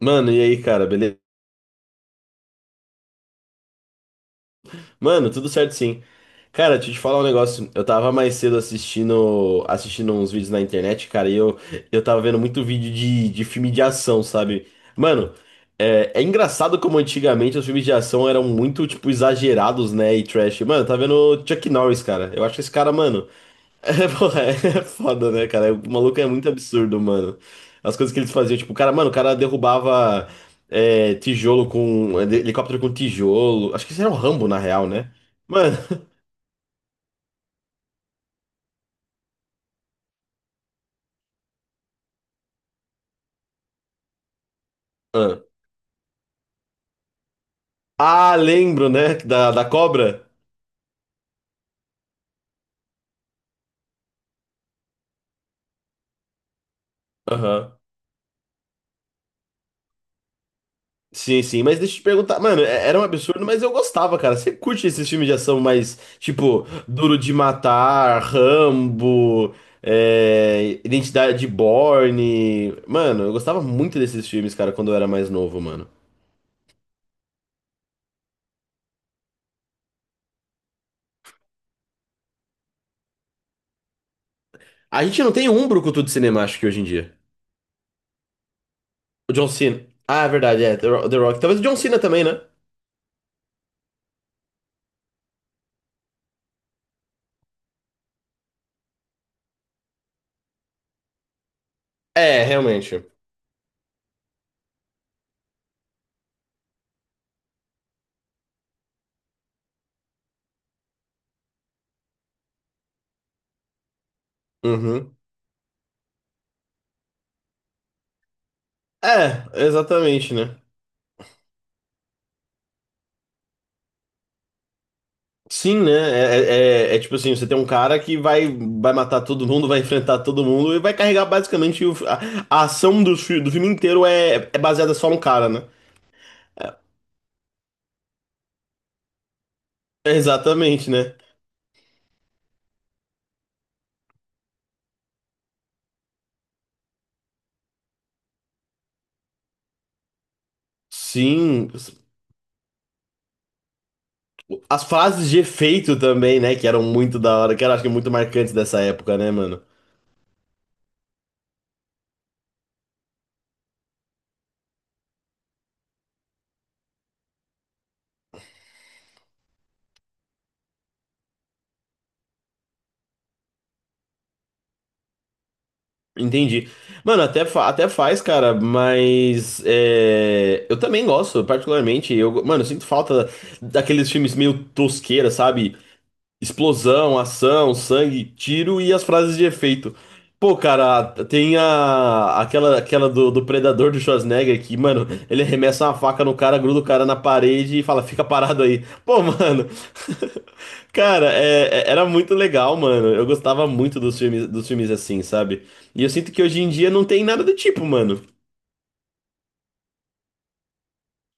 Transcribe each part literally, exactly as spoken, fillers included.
Mano, e aí, cara, beleza? Mano, tudo certo sim. Cara, deixa eu te falar um negócio. Eu tava mais cedo assistindo, assistindo uns vídeos na internet, cara, e eu, eu tava vendo muito vídeo de, de filme de ação, sabe? Mano, é, é engraçado como antigamente os filmes de ação eram muito, tipo, exagerados, né? E trash. Mano, eu tava vendo Chuck Norris, cara. Eu acho esse cara, mano. É, porra, é foda, né, cara? O maluco é muito absurdo, mano. As coisas que eles faziam, tipo, o cara, mano, o cara derrubava é, tijolo com. Helicóptero com tijolo. Acho que isso era um Rambo, na real, né? Mano. Ah, Ah, lembro, né? Da, da cobra? Aham. Sim, sim, mas deixa eu te perguntar, mano, é- era um absurdo, mas eu gostava, cara. Você curte esses filmes de ação mais, tipo, Duro de Matar, Rambo, é, Identidade Borne. Mano, eu gostava muito desses filmes, cara, quando eu era mais novo, mano. A gente não tem um brucutu de cinema, acho que hoje em dia. O John Cena. Ah, é verdade, é, The Ro- The Rock. Talvez o John Cena também, né? É, realmente. Uhum. É, exatamente, né? Sim, né? É, é, é é tipo assim, você tem um cara que vai, vai matar todo mundo, vai enfrentar todo mundo e vai carregar basicamente o- a, a ação do, fi- do filme inteiro é, é baseada só no cara, né? É exatamente, né? Sim. As frases de efeito também, né? Que eram muito da hora, que eram acho que é muito marcantes dessa época, né, mano? Entendi. Mano, até, fa- até faz, cara, mas é, eu também gosto, particularmente. Eu, mano, eu sinto falta daqueles filmes meio tosqueira, sabe? Explosão, ação, sangue, tiro e as frases de efeito. Pô, cara, tem a, aquela, aquela do, do Predador do Schwarzenegger que, mano, ele arremessa uma faca no cara, gruda o cara na parede e fala, fica parado aí. Pô, mano, cara, é- é- era muito legal, mano. Eu gostava muito dos filmes, dos filmes assim, sabe? E eu sinto que hoje em dia não tem nada do tipo, mano.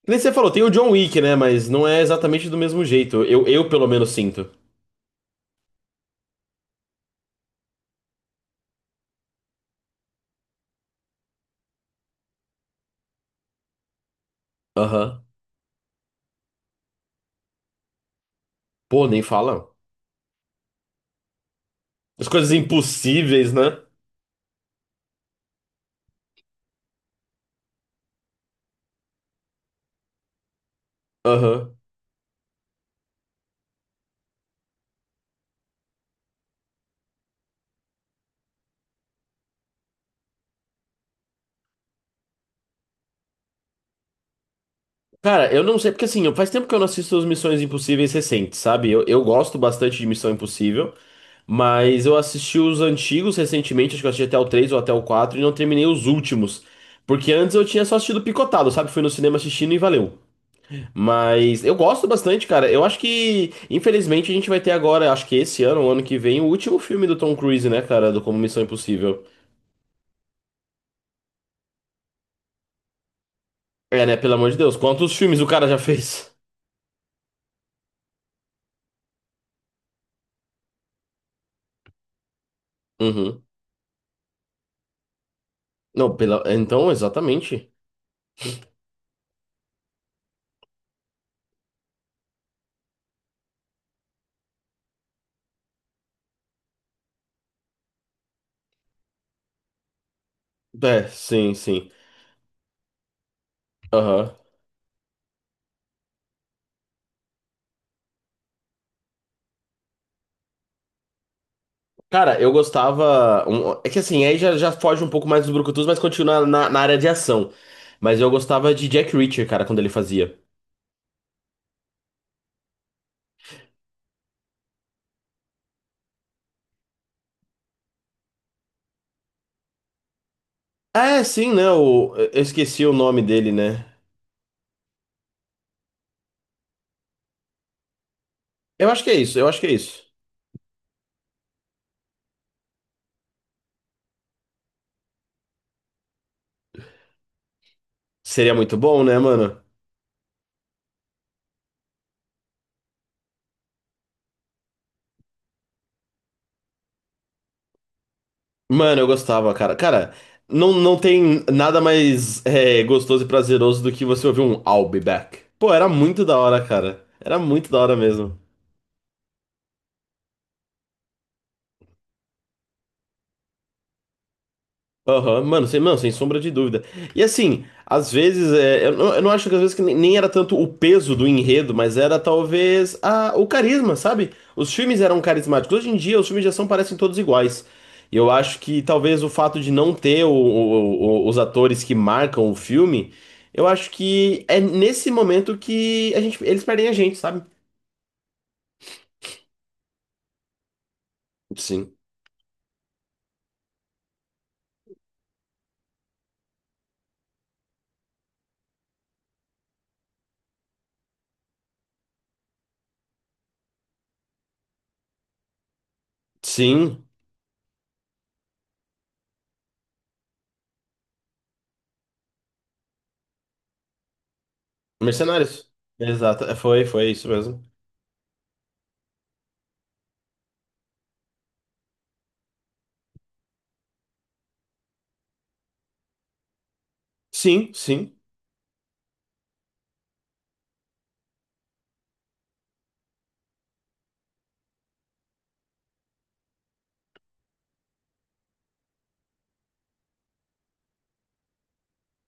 Que nem você falou, tem o John Wick, né? Mas não é exatamente do mesmo jeito. Eu, eu pelo menos sinto. Aham. Pô, nem fala. As coisas impossíveis, né? Aham. Cara, eu não sei, porque assim, faz tempo que eu não assisto as Missões Impossíveis recentes, sabe? Eu, eu gosto bastante de Missão Impossível, mas eu assisti os antigos recentemente, acho que eu assisti até o três ou até o quatro e não terminei os últimos. Porque antes eu tinha só assistido picotado, sabe? Fui no cinema assistindo e valeu. Mas eu gosto bastante, cara. Eu acho que, infelizmente, a gente vai ter agora, acho que esse ano, ou ano que vem, o último filme do Tom Cruise, né, cara? Do Como Missão Impossível. É, né? Pelo amor de Deus, quantos filmes o cara já fez? Uhum. Não, pela... Então, exatamente. É, sim, sim. Aham. Cara, eu gostava. Um- é que assim, aí já, já foge um pouco mais dos brucutus, mas continua na, na área de ação. Mas eu gostava de Jack Reacher, cara, quando ele fazia. Ah, é, sim, né? O- eu esqueci o nome dele, né? Eu acho que é isso, eu acho que é isso. Seria muito bom, né, mano? Mano, eu gostava, cara. Cara, não, não tem nada mais é, gostoso e prazeroso do que você ouvir um I'll be back. Pô, era muito da hora, cara. Era muito da hora mesmo. Aham, mano, sem, mano, sem sombra de dúvida. E assim, às vezes, é, eu, não, eu não acho que às vezes que nem, nem era tanto o peso do enredo, mas era talvez a, o carisma, sabe? Os filmes eram carismáticos. Hoje em dia, os filmes de ação parecem todos iguais. E eu acho que talvez o fato de não ter o- o- o- os atores que marcam o filme, eu acho que é nesse momento que a gente, eles perdem a gente, sabe? Sim. Sim. Mercenários. Exato. É, foi, foi isso mesmo. Sim, sim.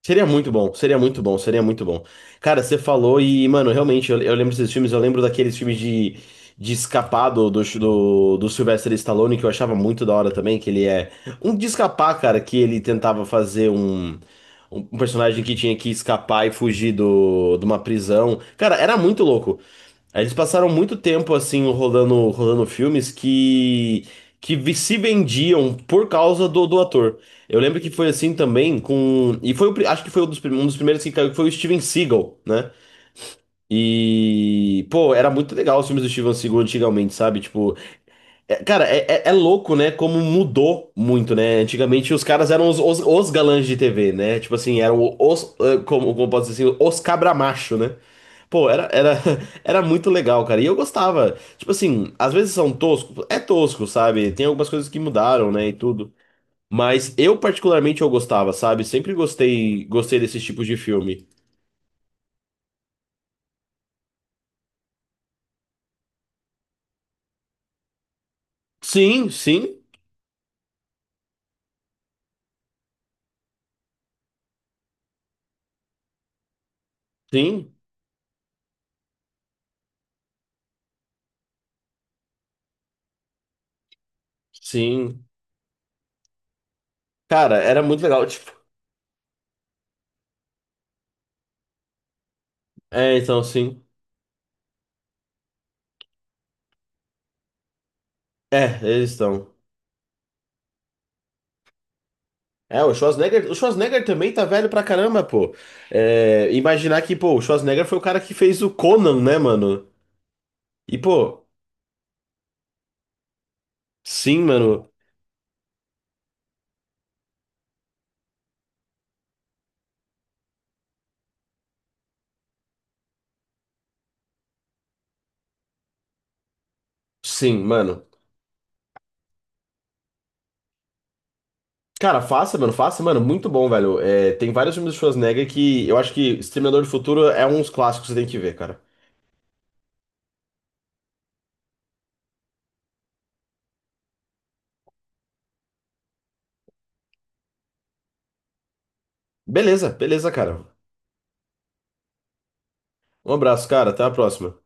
Seria muito bom, seria muito bom, seria muito bom. Cara, você falou e, mano, realmente, eu, eu lembro desses filmes, eu lembro daqueles filmes de, de escapar do, do, do, do Sylvester Stallone, que eu achava muito da hora também, que ele é um de escapar, cara, que ele tentava fazer um, um um personagem que tinha que escapar e fugir do, de uma prisão. Cara, era muito louco. Aí eles passaram muito tempo, assim, rolando, rolando filmes que, que se vendiam por causa do, do ator. Eu lembro que foi assim também com. E foi o pri- acho que foi um dos, prim- um dos primeiros que caiu, que foi o Steven Seagal, né? E, pô, era muito legal os filmes do Steven Seagal antigamente, sabe? Tipo, é- cara, é, é- é louco, né? Como mudou muito, né? Antigamente os caras eram os, os, os galãs de T V, né? Tipo assim, eram os, eh, como, como posso dizer assim, os cabra macho, né? Pô, era, era, era muito legal, cara. E eu gostava. Tipo assim, às vezes são toscos, é tosco, sabe? Tem algumas coisas que mudaram, né? E tudo. Mas eu particularmente eu gostava, sabe? Sempre gostei, gostei desses tipos de filme. Sim, sim, sim, sim. Cara, era muito legal, tipo. É, então sim. É, eles estão. É, o Schwarzenegger, o Schwarzenegger também tá velho pra caramba, pô. É, imaginar que, pô, o Schwarzenegger foi o cara que fez o Conan, né, mano? E, pô, sim, mano. Sim, mano. Cara, faça, mano, faça, mano, muito bom, velho. É, tem vários filmes do Schwarzenegger que eu acho que Exterminador do Futuro é um dos clássicos que você tem que ver, cara. Beleza, beleza, cara. Um abraço, cara. Até a próxima.